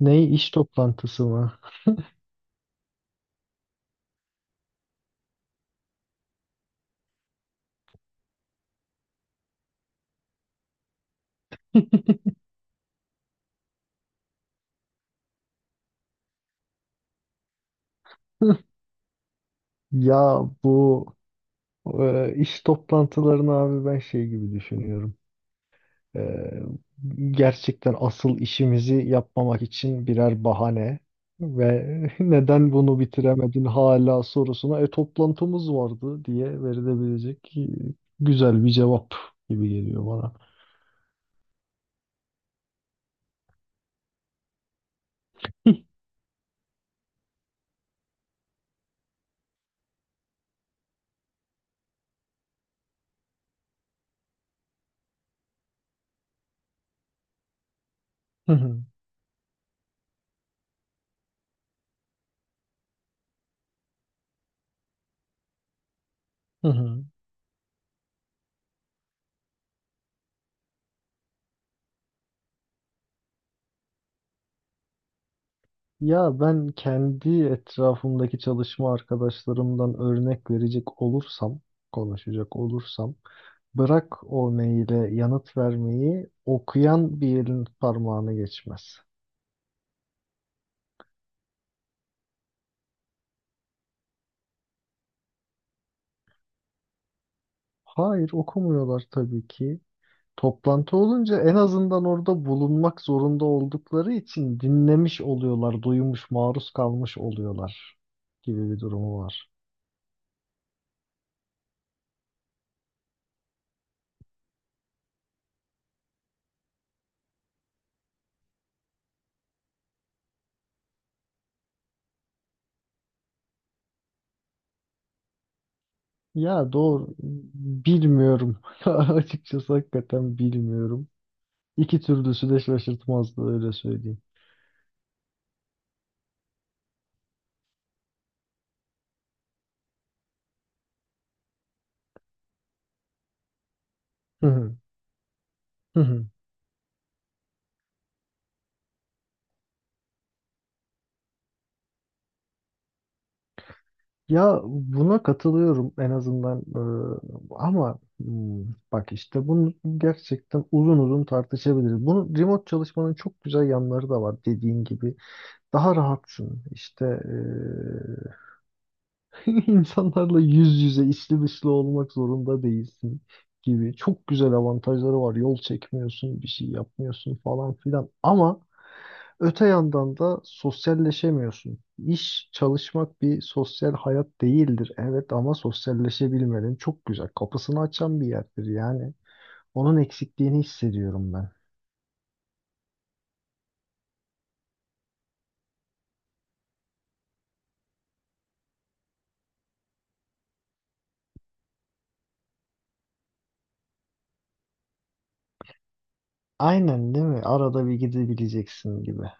Ne iş toplantısı mı? Ya bu iş toplantılarını abi ben şey gibi düşünüyorum. E, Gerçekten asıl işimizi yapmamak için birer bahane ve neden bunu bitiremedin hala sorusuna toplantımız vardı diye verilebilecek güzel bir cevap gibi geliyor bana. Hı hı, hı hı. Ya ben kendi etrafımdaki çalışma arkadaşlarımdan örnek verecek olursam, konuşacak olursam bırak o maile yanıt vermeyi, okuyan bir elin parmağına geçmez. Hayır, okumuyorlar tabii ki. Toplantı olunca en azından orada bulunmak zorunda oldukları için dinlemiş oluyorlar, duymuş, maruz kalmış oluyorlar gibi bir durumu var. Ya doğru, bilmiyorum. Açıkçası hakikaten bilmiyorum. İki türlüsü de şaşırtmazdı öyle söyleyeyim. Hı hı. Hı hı. Ya buna katılıyorum en azından. Ee, ama hmm, bak işte bunu gerçekten uzun uzun tartışabiliriz. Bunun remote çalışmanın çok güzel yanları da var dediğin gibi. Daha rahatsın işte, insanlarla yüz yüze içli dışlı olmak zorunda değilsin gibi. Çok güzel avantajları var, yol çekmiyorsun, bir şey yapmıyorsun falan filan ama öte yandan da sosyalleşemiyorsun. İş, çalışmak bir sosyal hayat değildir. Evet ama sosyalleşebilmenin çok güzel kapısını açan bir yerdir yani. Onun eksikliğini hissediyorum ben. Aynen değil mi? Arada bir gidebileceksin gibi.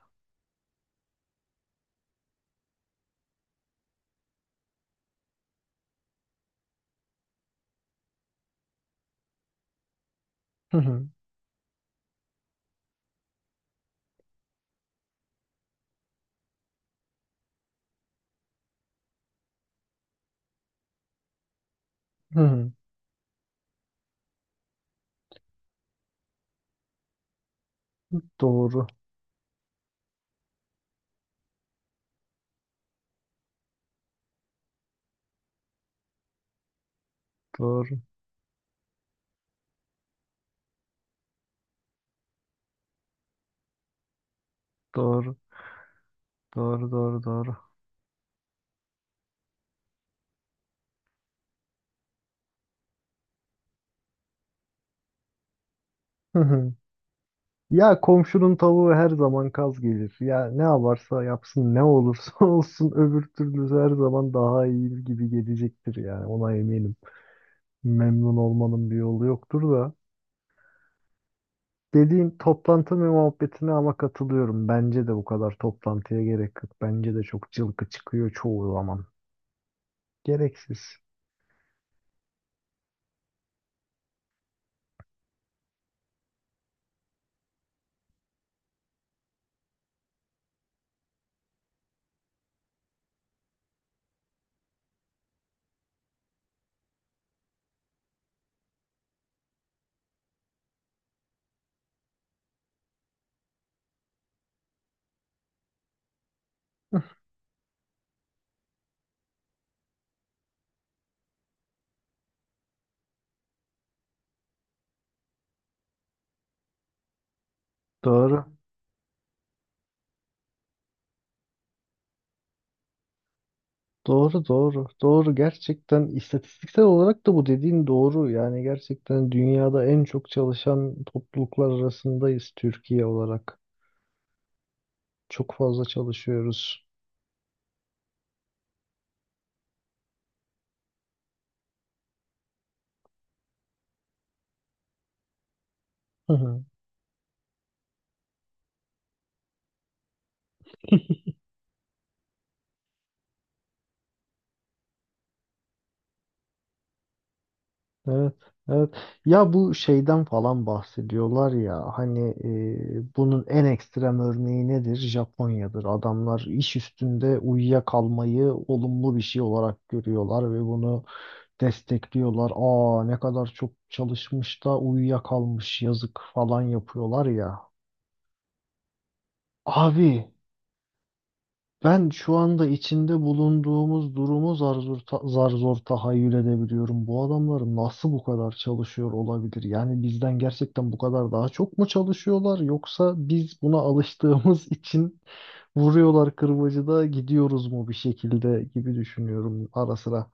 Hı hı, hı hı. Doğru, doğru, doğru, doğru, doğru, doğru. Hı hı. Ya komşunun tavuğu her zaman kaz gelir. Ya ne yaparsa yapsın, ne olursa olsun öbür türlü her zaman daha iyi gibi gelecektir yani, ona eminim. Memnun olmanın bir yolu yoktur da. Dediğin toplantı ve muhabbetine ama katılıyorum. Bence de bu kadar toplantıya gerek yok. Bence de çok cılkı çıkıyor çoğu zaman. Gereksiz. Doğru. Doğru doğru. Doğru, gerçekten istatistiksel olarak da bu dediğin doğru. Yani gerçekten dünyada en çok çalışan topluluklar arasındayız, Türkiye olarak. Çok fazla çalışıyoruz. Evet, evet. Ya bu şeyden falan bahsediyorlar ya hani, bunun en ekstrem örneği nedir? Japonya'dır. Adamlar iş üstünde uyuyakalmayı olumlu bir şey olarak görüyorlar ve bunu destekliyorlar. Aa ne kadar çok çalışmış da uyuyakalmış yazık falan yapıyorlar ya. Abi ben şu anda içinde bulunduğumuz durumu zar zor, zar zor tahayyül edebiliyorum. Bu adamlar nasıl bu kadar çalışıyor olabilir? Yani bizden gerçekten bu kadar daha çok mu çalışıyorlar? Yoksa biz buna alıştığımız için vuruyorlar kırbacı gidiyoruz mu bir şekilde gibi düşünüyorum ara sıra.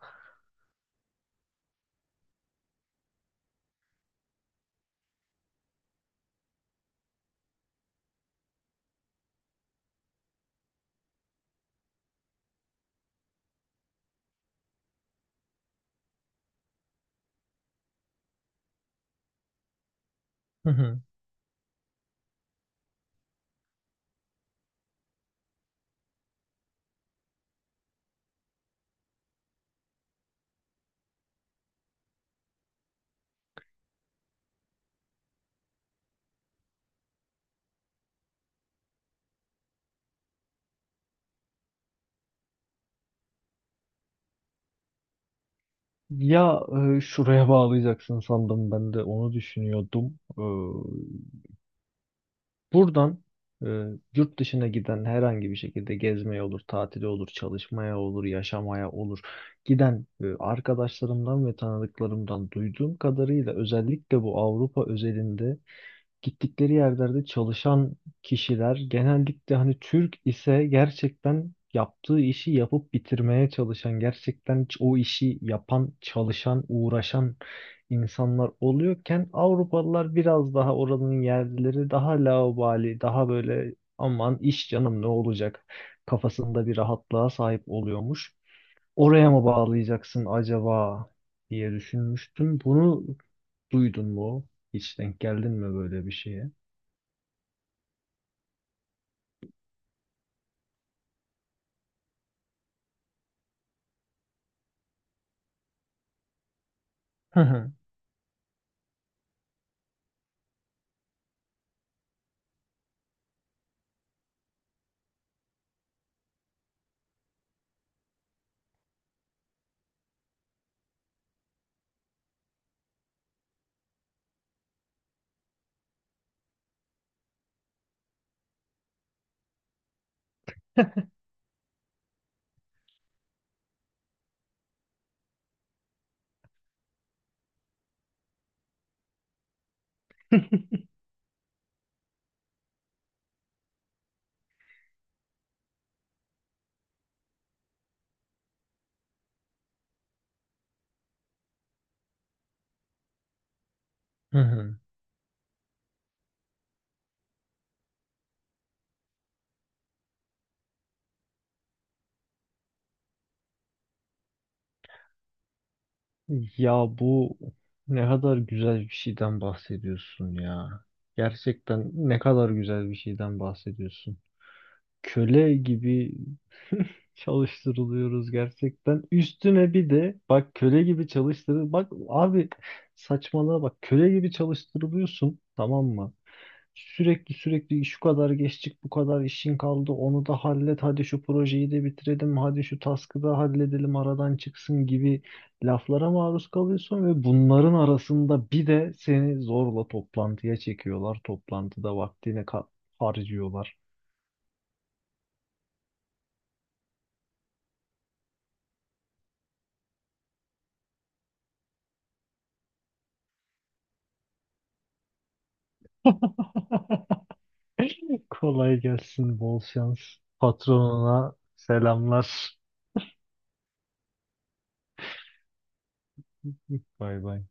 Hı hı. Ya, şuraya bağlayacaksın sandım, ben de onu düşünüyordum. Buradan e, yurt dışına giden herhangi bir şekilde, gezmeye olur, tatile olur, çalışmaya olur, yaşamaya olur. Giden arkadaşlarımdan ve tanıdıklarımdan duyduğum kadarıyla, özellikle bu Avrupa özelinde, gittikleri yerlerde çalışan kişiler genellikle hani Türk ise gerçekten yaptığı işi yapıp bitirmeye çalışan, gerçekten o işi yapan, çalışan, uğraşan insanlar oluyorken, Avrupalılar biraz daha, oranın yerlileri daha laubali, daha böyle aman iş canım ne olacak kafasında bir rahatlığa sahip oluyormuş. Oraya mı bağlayacaksın acaba diye düşünmüştüm. Bunu duydun mu? Hiç denk geldin mi böyle bir şeye? Hı hı. Hı hı. Ya bu ne kadar güzel bir şeyden bahsediyorsun ya. Gerçekten ne kadar güzel bir şeyden bahsediyorsun. Köle gibi çalıştırılıyoruz gerçekten. Üstüne bir de bak, köle gibi çalıştırıl. Bak abi saçmalığa bak, köle gibi çalıştırılıyorsun, tamam mı? Sürekli sürekli şu kadar geçtik, bu kadar işin kaldı, onu da hallet, hadi şu projeyi de bitirelim, hadi şu task'ı da halledelim aradan çıksın gibi laflara maruz kalıyorsun ve bunların arasında bir de seni zorla toplantıya çekiyorlar, toplantıda vaktini harcıyorlar. Kolay gelsin, bol şans. Patronuna selamlar. Bay bay.